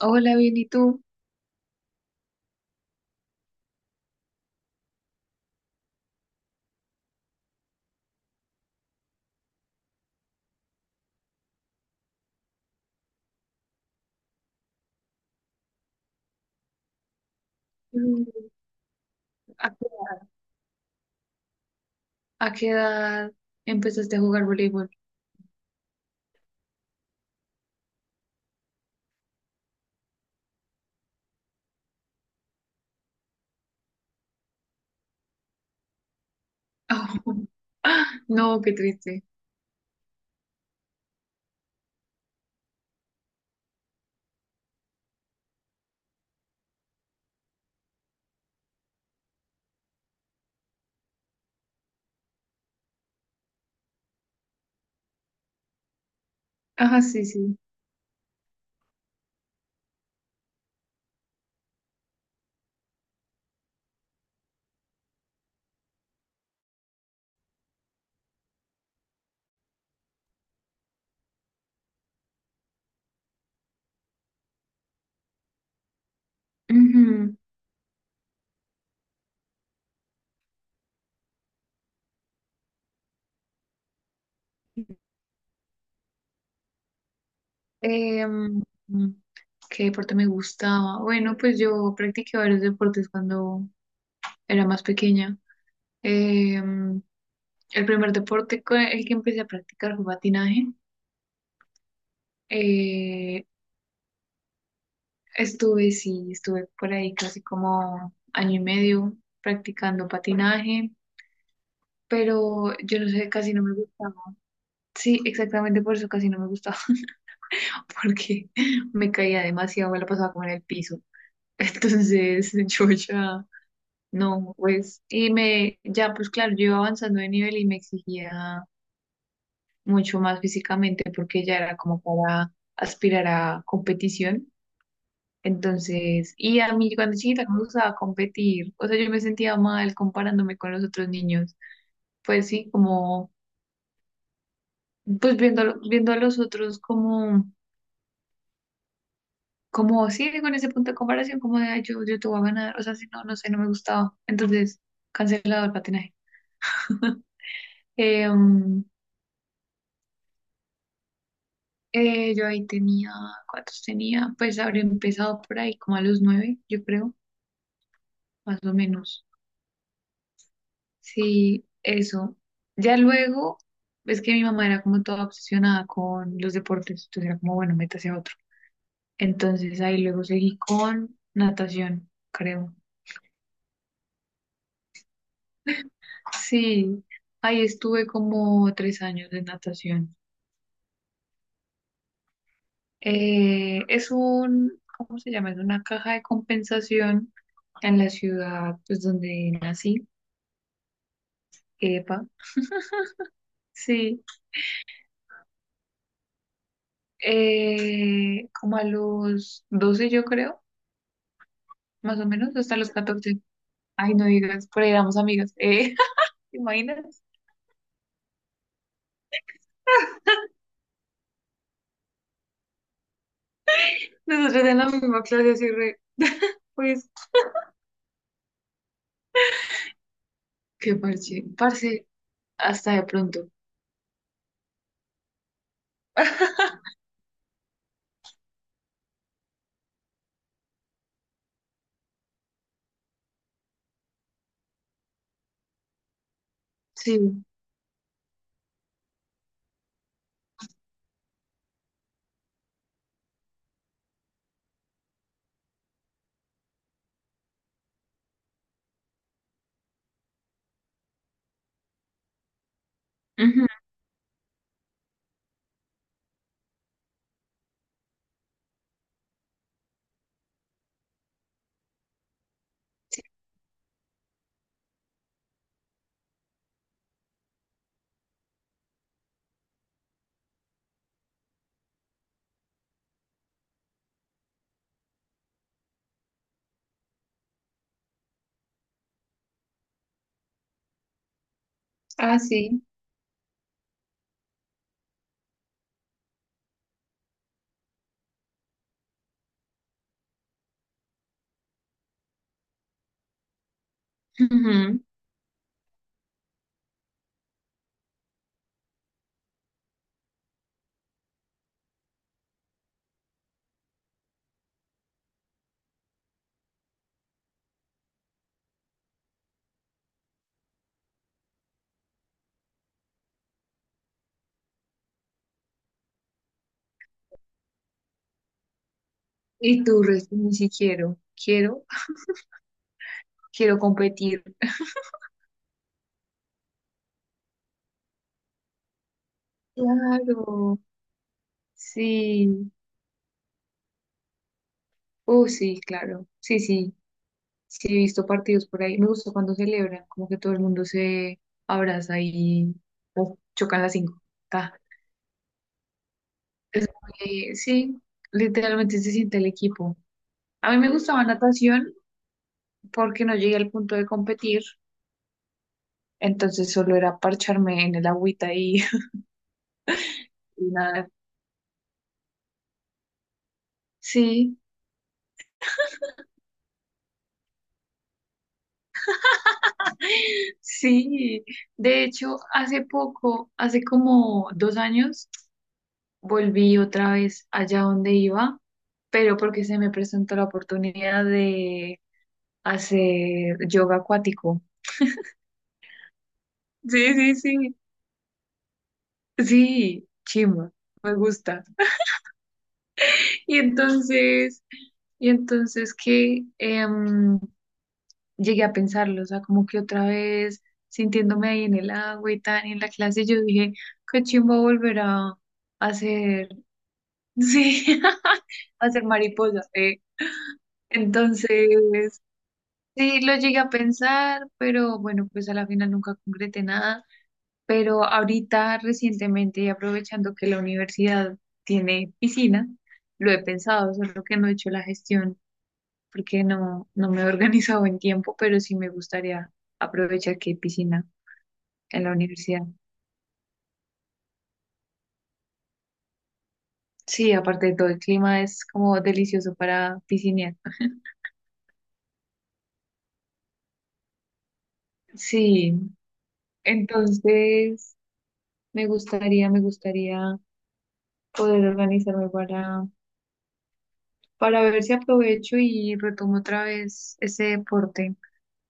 Hola, bien, ¿y tú? Mm, ¿A qué edad, a qué edad empezaste a jugar voleibol? No, qué triste. Ajá, sí, sí. Ujú. Em, ¿Qué deporte me gustaba? Bueno, pues yo practiqué varios deportes cuando era más pequeña. Em, el primer deporte con el que empecé a practicar fue patinaje. Eh, Estuve, sí, estuve por ahí casi como año y medio practicando patinaje. Pero yo no sé, casi no me gustaba. Sí, exactamente por eso casi no me gustaba, porque me caía demasiado, me la pasaba como en el piso. Entonces yo ya, no, pues, y me, ya pues claro, yo iba avanzando de nivel y me exigía mucho más físicamente porque ya era como para aspirar a competición. Entonces, y a mí cuando chiquita me gustaba competir, o sea, yo me sentía mal comparándome con los otros niños. Pues sí, como pues viendo a los otros como, como sí, con ese punto de comparación, como de, ay, yo te voy a ganar, o sea, si no, no sé, no me gustaba. Entonces, cancelado el patinaje. Eh, um, yo ahí tenía, ¿cuántos tenía? Pues habría empezado por ahí, como a los 9, yo creo, más o menos. Sí, eso. Ya luego, es que mi mamá era como toda obsesionada con los deportes, entonces era como, bueno, métase a otro. Entonces ahí luego seguí con natación, creo. Sí, ahí estuve como 3 años de natación. Es un, ¿cómo se llama? Es una caja de compensación en la ciudad, pues donde nací. Epa. Sí, como a los 12 yo creo, más o menos, hasta los 14. Ay, no digas, por ahí éramos amigas. ¿Te imaginas? Nosotros en la misma clase así pues, qué parche, parce, hasta de pronto. Sí. Ujú. Ah, sí. Ujú. Y tú, Res, ni si quiero, competir. Claro, sí, oh sí, claro, sí, sí, sí, he visto partidos por ahí. Me gusta cuando celebran, como que todo el mundo se abraza y oh, chocan las cinco. Ta. Sí, literalmente se siente el equipo. A mí me gustaba natación porque no llegué al punto de competir, entonces solo era parcharme en el agüita y, y nada. Sí. Sí, de hecho, hace poco, hace como 2 años, volví otra vez allá donde iba, pero porque se me presentó la oportunidad de hacer yoga acuático. Sí, sí, sí. Sí, chimba, me gusta. Y entonces, y entonces que llegué a pensarlo, o sea, como que otra vez sintiéndome ahí en el agua y tal, y en la clase, yo dije, qué chimba volver a hacer. Sí, hacer mariposa. Entonces, sí, lo llegué a pensar, pero bueno, pues a la final nunca concreté nada. Pero ahorita, recientemente, y aprovechando que la universidad tiene piscina, lo he pensado, solo que no he hecho la gestión porque no me he organizado en tiempo, pero sí me gustaría aprovechar que hay piscina en la universidad. Sí, aparte de todo, el clima es como delicioso para piscinear. Sí, entonces... me gustaría poder organizarme para ver si aprovecho y retomo otra vez ese deporte.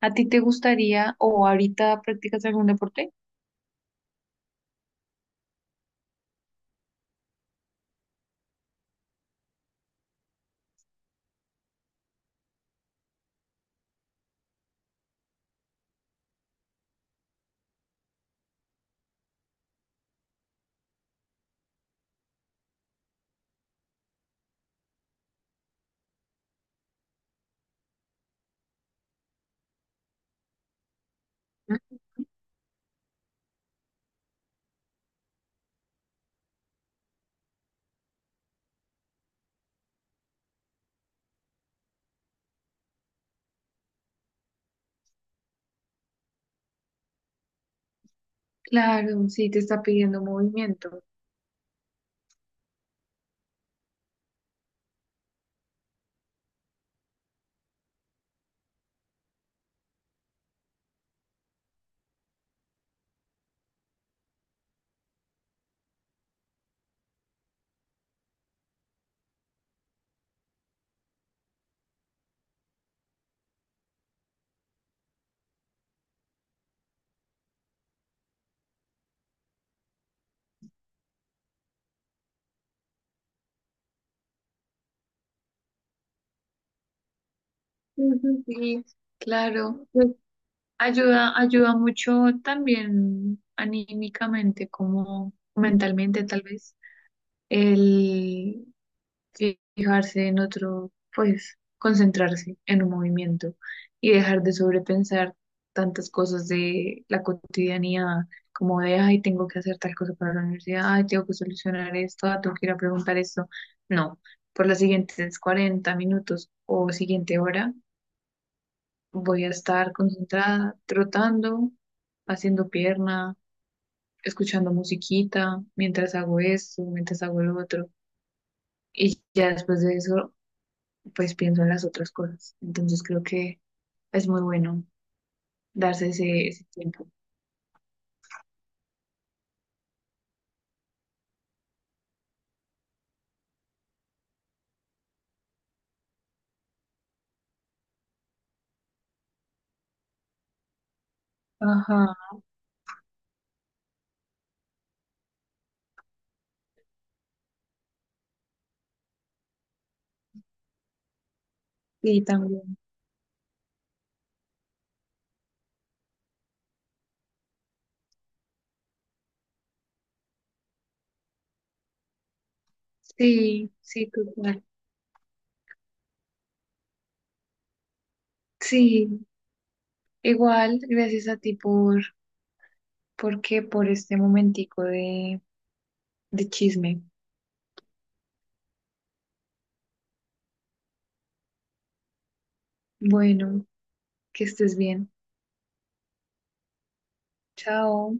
¿A ti te gustaría o ahorita practicas algún deporte? ¿Mm? Claro, sí, te está pidiendo movimiento. Ujú, sí, claro. Pues, ayuda, ayuda mucho también anímicamente como mentalmente tal vez. Fijarse en otro, pues concentrarse en un movimiento y dejar de sobrepensar tantas cosas de la cotidianidad, como de, ay, tengo que hacer tal cosa para la universidad, ay, tengo que solucionar esto, ah, tengo que ir a preguntar esto. No, por las siguientes 40 minutos o siguiente hora voy a estar concentrada, trotando, haciendo pierna, escuchando musiquita, mientras hago esto, mientras hago lo otro. Y ya después de eso pues pienso en las otras cosas. Entonces creo que es muy bueno darse ese tiempo. Ajá, sí también. Sí, sí, total. Sí, igual, gracias a ti porque por este momentico de chisme. Bueno, que estés bien. Chao.